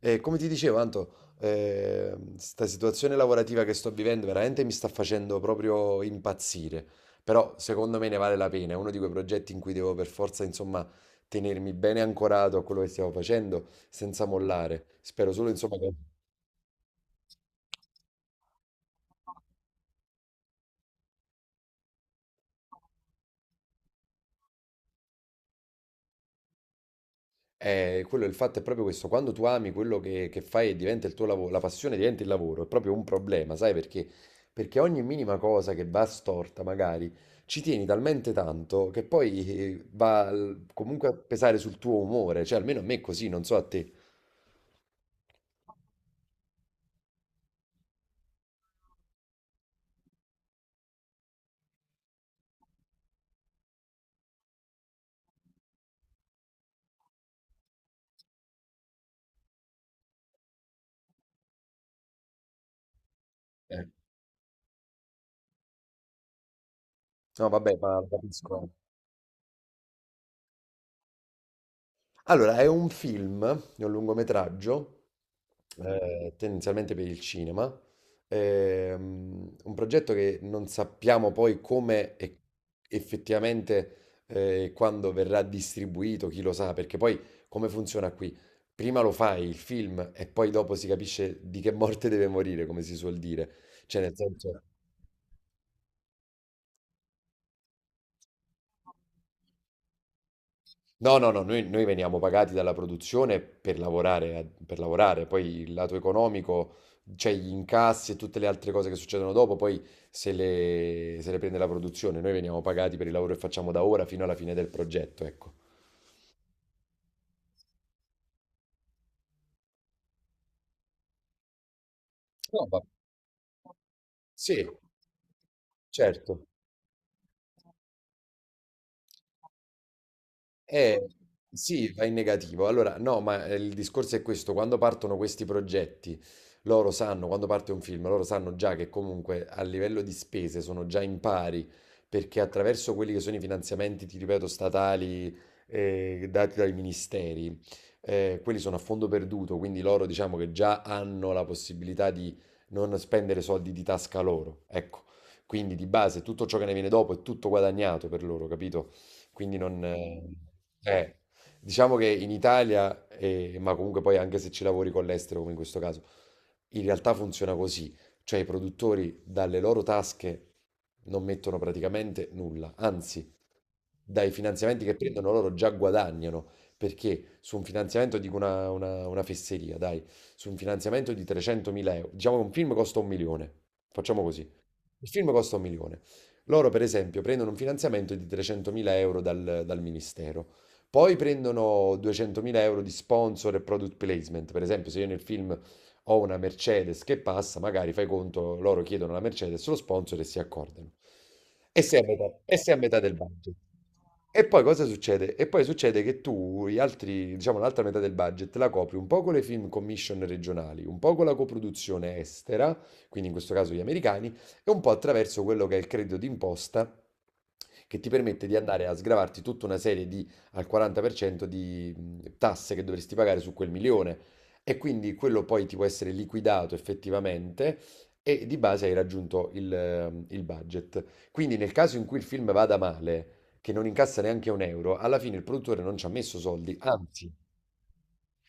E come ti dicevo, Anto, questa situazione lavorativa che sto vivendo veramente mi sta facendo proprio impazzire. Però secondo me ne vale la pena. È uno di quei progetti in cui devo per forza, insomma, tenermi bene ancorato a quello che stiamo facendo senza mollare. Spero solo, insomma, che quello, il fatto è proprio questo, quando tu ami quello che fai e diventa il tuo lavoro, la passione diventa il lavoro, è proprio un problema, sai perché? Perché ogni minima cosa che va storta, magari, ci tieni talmente tanto che poi comunque a pesare sul tuo umore, cioè almeno a me è così, non so a te. Eh. No, vabbè, ma penso- Allora, è un film, è un lungometraggio tendenzialmente per il cinema. Un progetto che non sappiamo poi come e effettivamente quando verrà distribuito, chi lo sa, perché poi come funziona qui? Prima lo fai il film e poi dopo si capisce di che morte deve morire, come si suol dire. Cioè, nel senso, no, no, no, noi veniamo pagati dalla produzione per lavorare, per lavorare, poi il lato economico, cioè gli incassi e tutte le altre cose che succedono dopo, poi se le prende la produzione, noi veniamo pagati per il lavoro che facciamo da ora fino alla fine del progetto, ecco. No, sì, certo. Eh, sì, va in negativo. Allora, no, ma il discorso è questo, quando partono questi progetti, loro sanno, quando parte un film, loro sanno già che comunque a livello di spese sono già in pari, perché attraverso quelli che sono i finanziamenti, ti ripeto, statali, dati dai ministeri, quelli sono a fondo perduto, quindi loro diciamo che già hanno la possibilità di non spendere soldi di tasca loro, ecco. Quindi di base tutto ciò che ne viene dopo è tutto guadagnato per loro, capito? Quindi non. Eh, diciamo che in Italia, ma comunque poi anche se ci lavori con l'estero, come in questo caso, in realtà funziona così. Cioè i produttori dalle loro tasche non mettono praticamente nulla, anzi, dai finanziamenti che prendono loro già guadagnano, perché su un finanziamento, dico una fesseria, dai, su un finanziamento di 300.000 euro, diciamo che un film costa un milione, facciamo così. Il film costa un milione. Loro, per esempio, prendono un finanziamento di 300.000 euro dal ministero. Poi prendono 200.000 euro di sponsor e product placement. Per esempio, se io nel film ho una Mercedes che passa, magari fai conto, loro chiedono la Mercedes, lo sponsor e si accordano. E sei a metà, e sei a metà del budget. E poi cosa succede? E poi succede che tu, gli altri, diciamo, l'altra metà del budget la copri un po' con le film commission regionali, un po' con la coproduzione estera, quindi in questo caso gli americani, e un po' attraverso quello che è il credito d'imposta che ti permette di andare a sgravarti tutta una serie di al 40% di tasse che dovresti pagare su quel milione e quindi quello poi ti può essere liquidato effettivamente e di base hai raggiunto il budget. Quindi nel caso in cui il film vada male, che non incassa neanche un euro, alla fine il produttore non ci ha messo soldi, anzi,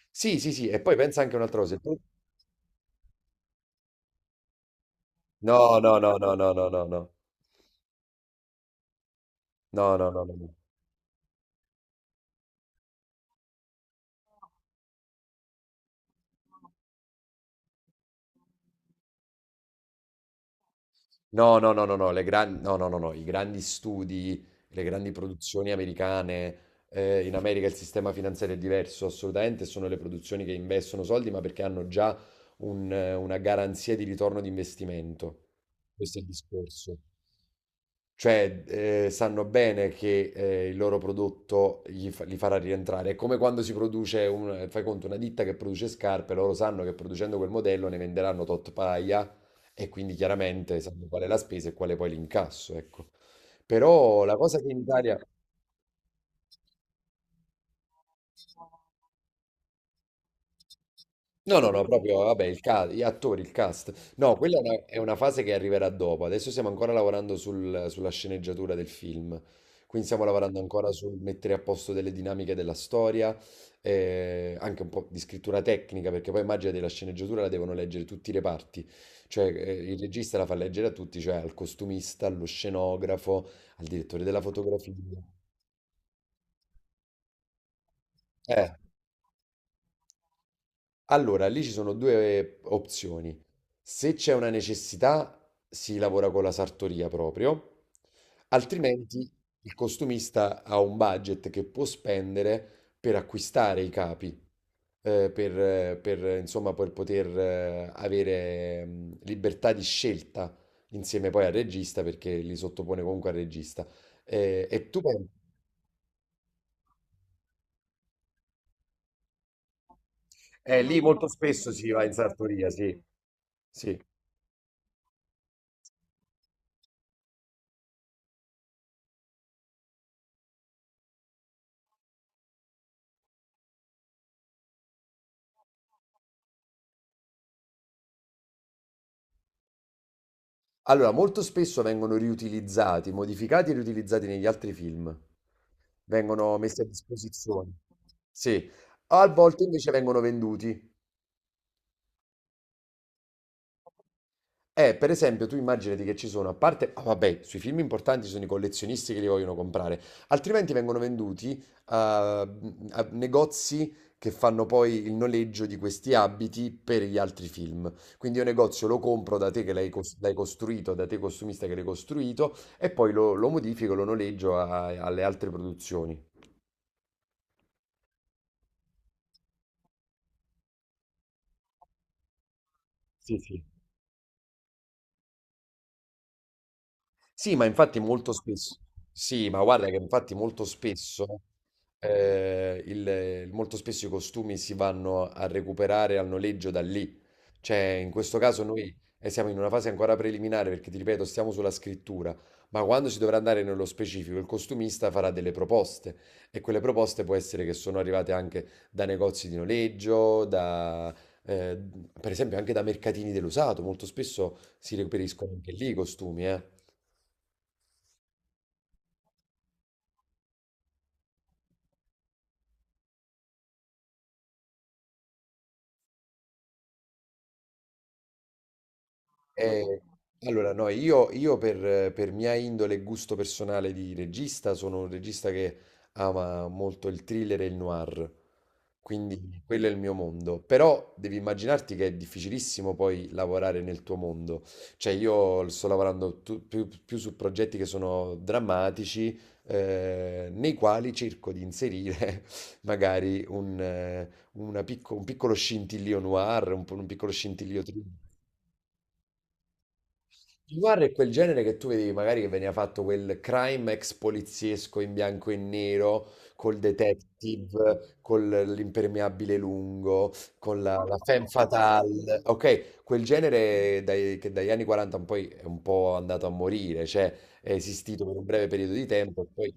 sì, sì, sì, e poi pensa anche a un'altra cosa. Il pro- No, no, no, no, no, no, no, no, no, no, no, no. No. No, no, no, no, no, no, no, no, no, i grandi studi, le grandi produzioni americane, in America il sistema finanziario è diverso, assolutamente, sono le produzioni che investono soldi, ma perché hanno già una garanzia di ritorno di investimento. Questo è il discorso. Cioè, sanno bene che il loro prodotto li farà rientrare. È come quando si produce, fai conto, una ditta che produce scarpe, loro sanno che producendo quel modello ne venderanno tot paia e quindi chiaramente sanno qual è la spesa e quale poi l'incasso, ecco. Però la cosa che in Italia. No, no, no, proprio, vabbè, gli attori, il cast. No, quella è una fase che arriverà dopo. Adesso stiamo ancora lavorando sulla sceneggiatura del film. Quindi stiamo lavorando ancora sul mettere a posto delle dinamiche della storia, anche un po' di scrittura tecnica, perché poi immagina della sceneggiatura la devono leggere tutti i reparti. Cioè, il regista la fa leggere a tutti, cioè al costumista, allo scenografo, al direttore della fotografia. Eh. Allora, lì ci sono due opzioni. Se c'è una necessità, si lavora con la sartoria proprio, altrimenti il costumista ha un budget che può spendere per acquistare i capi, per, insomma, per poter avere libertà di scelta insieme poi al regista, perché li sottopone comunque al regista. E tu pensi? Lì molto spesso si va in sartoria, sì. Sì. Allora, molto spesso vengono riutilizzati, modificati e riutilizzati negli altri film. Vengono messi a disposizione. Sì, a volte invece vengono venduti. Per esempio, tu immaginati che ci sono, a parte, ah, vabbè, sui film importanti ci sono i collezionisti che li vogliono comprare, altrimenti vengono venduti a negozi che fanno poi il noleggio di questi abiti per gli altri film. Quindi io negozio lo compro da te che l'hai l'hai costruito, da te costumista che l'hai costruito, e poi lo modifico, lo noleggio alle altre produzioni. Sì, sì. Sì, ma infatti molto spesso, sì, ma guarda che infatti molto spesso, eh, il- molto spesso i costumi si vanno a recuperare al noleggio da lì. Cioè, in questo caso noi siamo in una fase ancora preliminare perché, ti ripeto, stiamo sulla scrittura, ma quando si dovrà andare nello specifico, il costumista farà delle proposte e quelle proposte può essere che sono arrivate anche da negozi di noleggio, da, eh, per esempio anche da mercatini dell'usato, molto spesso si reperiscono anche lì i costumi, eh. Eh, allora, no, io per mia indole e gusto personale di regista sono un regista che ama molto il thriller e il noir, quindi quello è il mio mondo. Però devi immaginarti che è difficilissimo poi lavorare nel tuo mondo. Cioè io sto lavorando più su progetti che sono drammatici, nei quali cerco di inserire magari un piccolo scintillio noir, un piccolo scintillio thriller. Il noir è quel genere che tu vedevi magari che veniva fatto quel crime ex poliziesco in bianco e nero, col detective, con l'impermeabile lungo, con la femme fatale. Ok, quel genere che dagli anni 40 in poi è un po' andato a morire, cioè è esistito per un breve periodo di tempo e poi.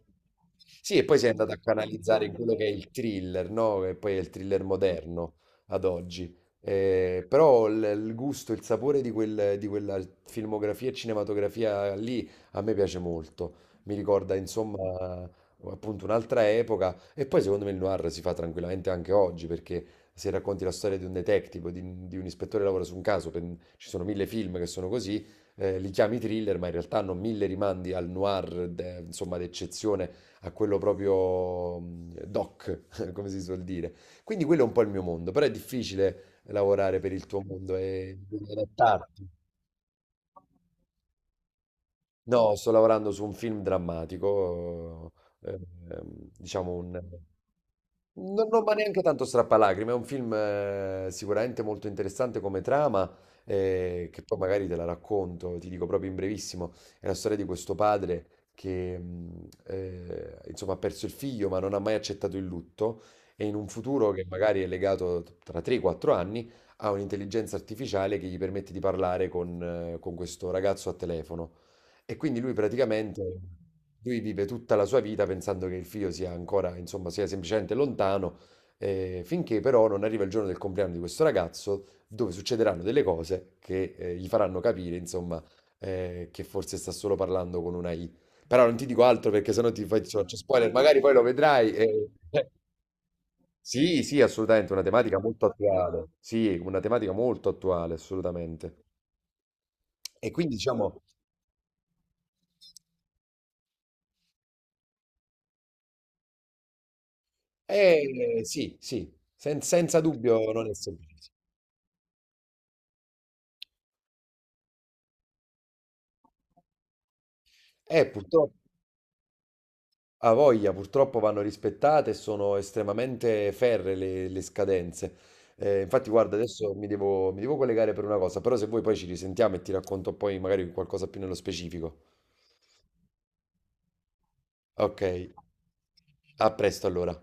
Sì, e poi si è andato a canalizzare in quello che è il thriller, no? Che poi è il thriller moderno ad oggi. Però il gusto, il sapore di di quella filmografia e cinematografia lì a me piace molto. Mi ricorda, insomma, appunto un'altra epoca. E poi secondo me il noir si fa tranquillamente anche oggi, perché se racconti la storia di un detective, o di un ispettore che lavora su un caso, ci sono mille film che sono così, li chiami thriller, ma in realtà hanno mille rimandi al noir, insomma, d'eccezione a quello proprio doc, come si suol dire. Quindi quello è un po' il mio mondo, però è difficile lavorare per il tuo mondo e devi adattarti. No, sto lavorando su un film drammatico, eh, diciamo un, non, ma neanche tanto strappalacrime, è un film sicuramente molto interessante come trama, che poi magari te la racconto, ti dico proprio in brevissimo, è la storia di questo padre che insomma ha perso il figlio ma non ha mai accettato il lutto e in un futuro che magari è legato tra 3-4 anni ha un'intelligenza artificiale che gli permette di parlare con questo ragazzo a telefono. E quindi lui praticamente lui vive tutta la sua vita pensando che il figlio sia ancora, insomma, sia semplicemente lontano, finché però non arriva il giorno del compleanno di questo ragazzo, dove succederanno delle cose che gli faranno capire, insomma, che forse sta solo parlando con una I. Però non ti dico altro perché sennò ti faccio, spoiler, magari poi lo vedrai. Sì, sì, assolutamente, una tematica molto attuale. Sì, una tematica molto attuale, assolutamente. E quindi diciamo, eh, sì, sì, senza dubbio non è semplice. Purtroppo, a voglia, purtroppo vanno rispettate e sono estremamente ferree le scadenze. Infatti, guarda, adesso mi devo collegare per una cosa, però se vuoi poi ci risentiamo e ti racconto poi magari qualcosa più nello specifico. Ok, a presto allora.